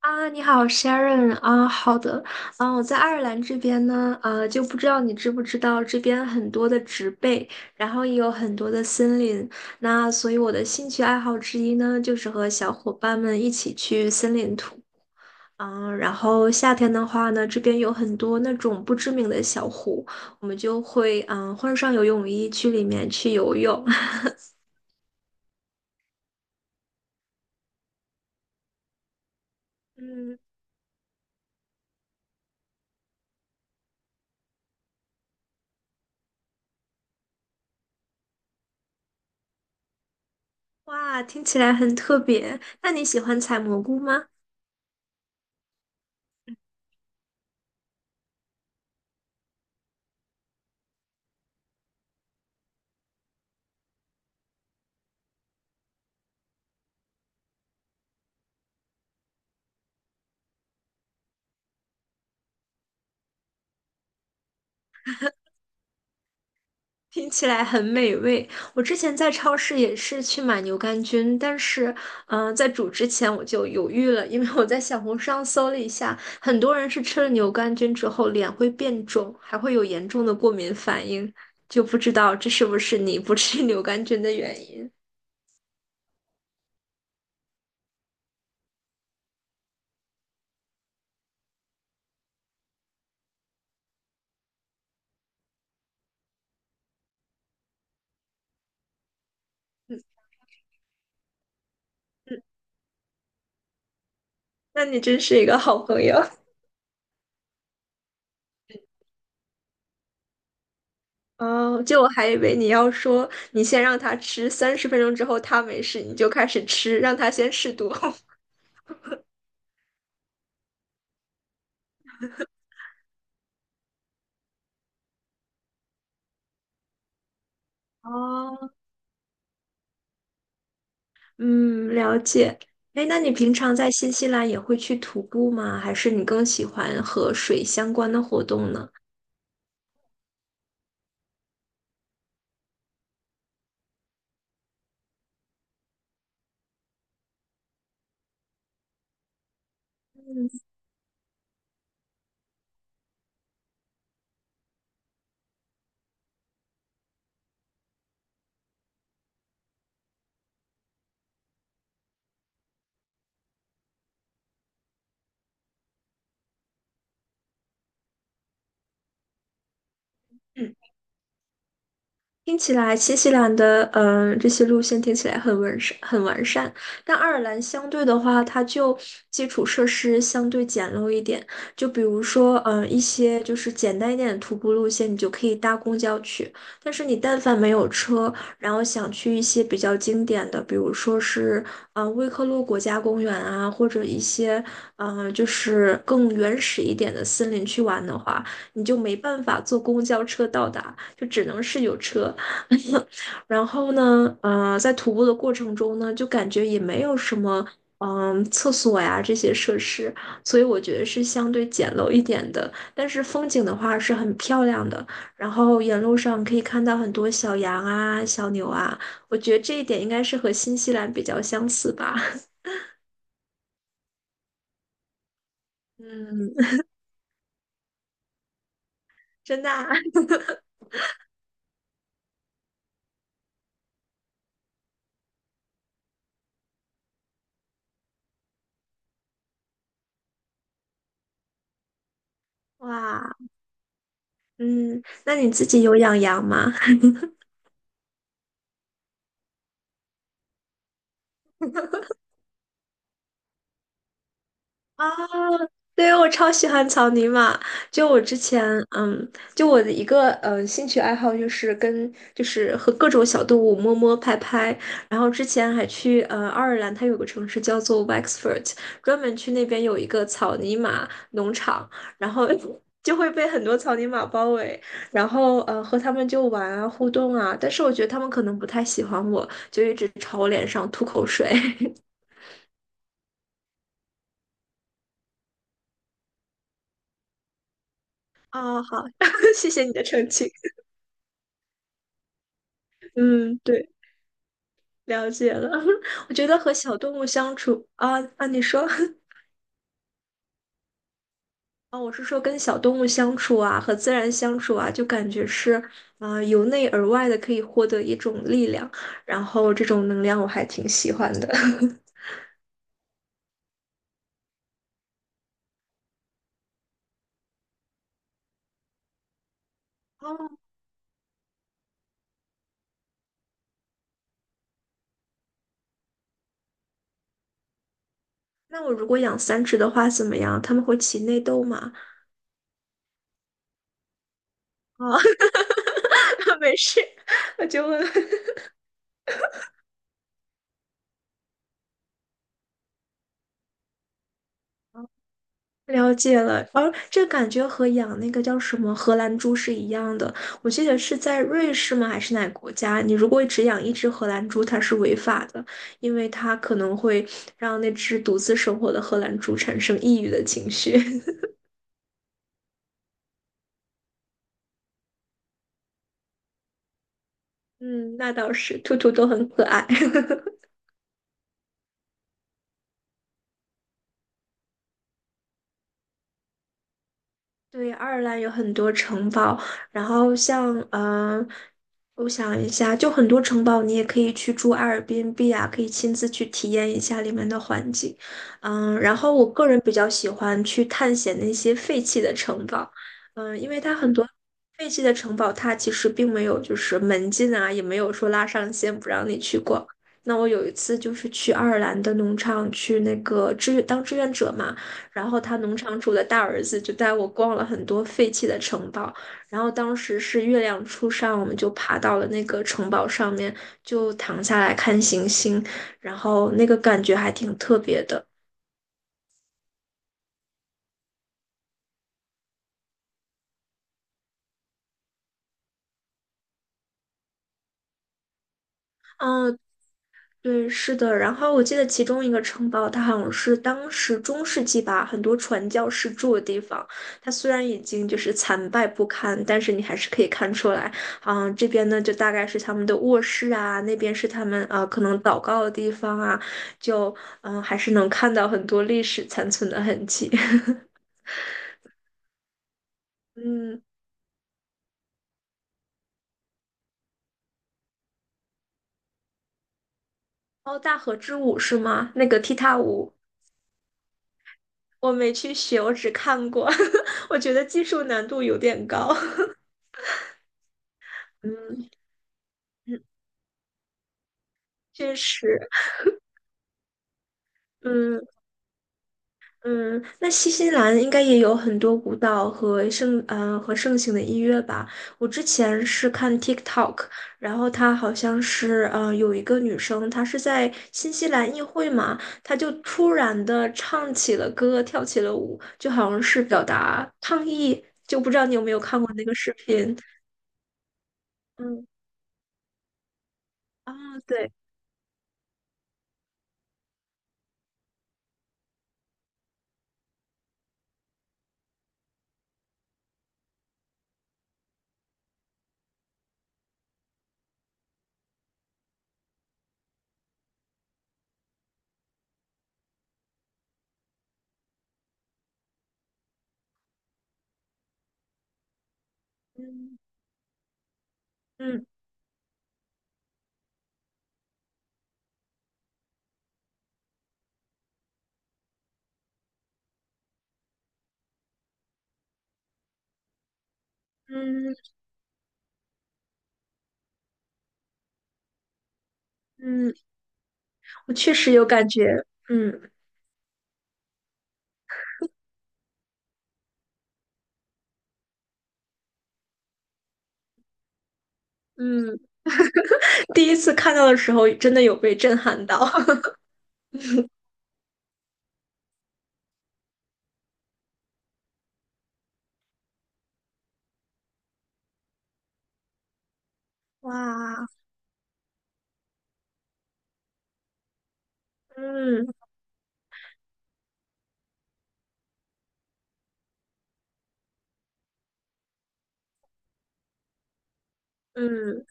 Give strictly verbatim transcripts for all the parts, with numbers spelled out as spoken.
啊，你好，Sharon 啊，好的，啊，我在爱尔兰这边呢，呃，就不知道你知不知道，这边很多的植被，然后也有很多的森林，那所以我的兴趣爱好之一呢，就是和小伙伴们一起去森林徒嗯，啊然后夏天的话呢，这边有很多那种不知名的小湖，我们就会嗯换上游泳衣去里面去游泳，嗯，哇，听起来很特别，那你喜欢采蘑菇吗？听起来很美味。我之前在超市也是去买牛肝菌，但是，嗯、在煮之前我就犹豫了，因为我在小红书上搜了一下，很多人是吃了牛肝菌之后脸会变肿，还会有严重的过敏反应，就不知道这是不是你不吃牛肝菌的原因。嗯嗯，那你真是一个好朋友。哦，就我还以为你要说你先让他吃，三十分钟之后他没事，你就开始吃，让他先试毒。哦，嗯，了解。哎，那你平常在新西兰也会去徒步吗？还是你更喜欢和水相关的活动呢？嗯。听起来新西兰的嗯，这些路线听起来很完善，很完善，但爱尔兰相对的话，它就基础设施相对简陋一点。就比如说，嗯，一些就是简单一点的徒步路线，你就可以搭公交去。但是你但凡没有车，然后想去一些比较经典的，比如说是嗯，威克洛国家公园啊，或者一些嗯，就是更原始一点的森林去玩的话，你就没办法坐公交车到达，就只能是有车。然后呢，呃，在徒步的过程中呢，就感觉也没有什么，嗯、厕所呀这些设施，所以我觉得是相对简陋一点的。但是风景的话是很漂亮的，然后沿路上可以看到很多小羊啊、小牛啊，我觉得这一点应该是和新西兰比较相似吧。嗯，真的啊 哇，嗯，那你自己有养羊吗？啊，对，我超喜欢草泥马。就我之前，嗯，就我的一个呃兴趣爱好就是跟就是和各种小动物摸摸拍拍。然后之前还去呃爱尔兰，它有个城市叫做 Wexford，专门去那边有一个草泥马农场，然后 就会被很多草泥马包围，然后呃和他们就玩啊互动啊。但是我觉得他们可能不太喜欢我，就一直朝我脸上吐口水。哦，好，谢谢你的澄清。嗯，对，了解了。我觉得和小动物相处啊啊，你说 啊，我是说跟小动物相处啊，和自然相处啊，就感觉是啊、由内而外的可以获得一种力量，然后这种能量我还挺喜欢的。哦，那我如果养三只的话怎么样？它们会起内斗吗？啊、没事，我就问。了解了，而这感觉和养那个叫什么荷兰猪是一样的。我记得是在瑞士吗？还是哪个国家？你如果只养一只荷兰猪，它是违法的，因为它可能会让那只独自生活的荷兰猪产生抑郁的情绪。嗯，那倒是，兔兔都很可爱。对，爱尔兰有很多城堡，然后像嗯，我想一下，就很多城堡，你也可以去住阿尔 r b n 啊，可以亲自去体验一下里面的环境。嗯，然后我个人比较喜欢去探险那些废弃的城堡，嗯，因为它很多废弃的城堡，它其实并没有就是门禁啊，也没有说拉上线不让你去过。那我有一次就是去爱尔兰的农场去那个志愿当志愿者嘛。然后他农场主的大儿子就带我逛了很多废弃的城堡，然后当时是月亮初上，我们就爬到了那个城堡上面，就躺下来看星星，然后那个感觉还挺特别的。嗯，对，是的。然后我记得其中一个城堡，它好像是当时中世纪吧，很多传教士住的地方。它虽然已经就是残败不堪，但是你还是可以看出来，嗯，这边呢就大概是他们的卧室啊，那边是他们啊可能祷告的地方啊，就嗯、呃还是能看到很多历史残存的痕迹。嗯，哦，大河之舞是吗？那个踢踏舞我没去学，我只看过，我觉得技术难度有点高。嗯。确实，嗯嗯，那新西兰应该也有很多舞蹈和盛呃和盛行的音乐吧？我之前是看 TikTok，然后她好像是呃有一个女生，她是在新西兰议会嘛，她就突然的唱起了歌，跳起了舞，就好像是表达抗议，就不知道你有没有看过那个视频？嗯啊，对，嗯嗯嗯嗯，我确实有感觉，嗯嗯。第一次看到的时候，真的有被震撼到。哇，嗯嗯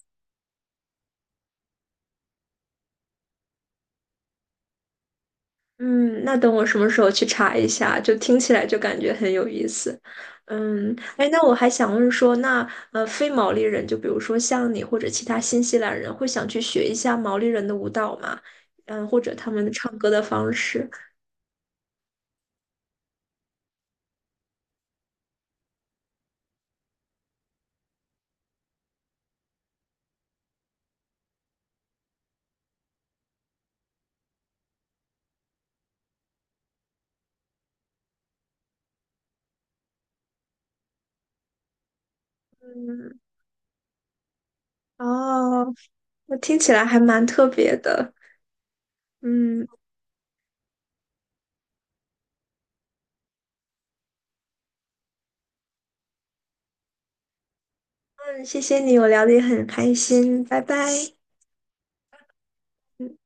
嗯，那等我什么时候去查一下，就听起来就感觉很有意思。嗯，哎，那我还想问说，那呃，非毛利人，就比如说像你或者其他新西兰人，会想去学一下毛利人的舞蹈吗？嗯，或者他们唱歌的方式。嗯，哦，那听起来还蛮特别的。嗯，嗯，谢谢你，我聊的也很开心，拜拜。嗯。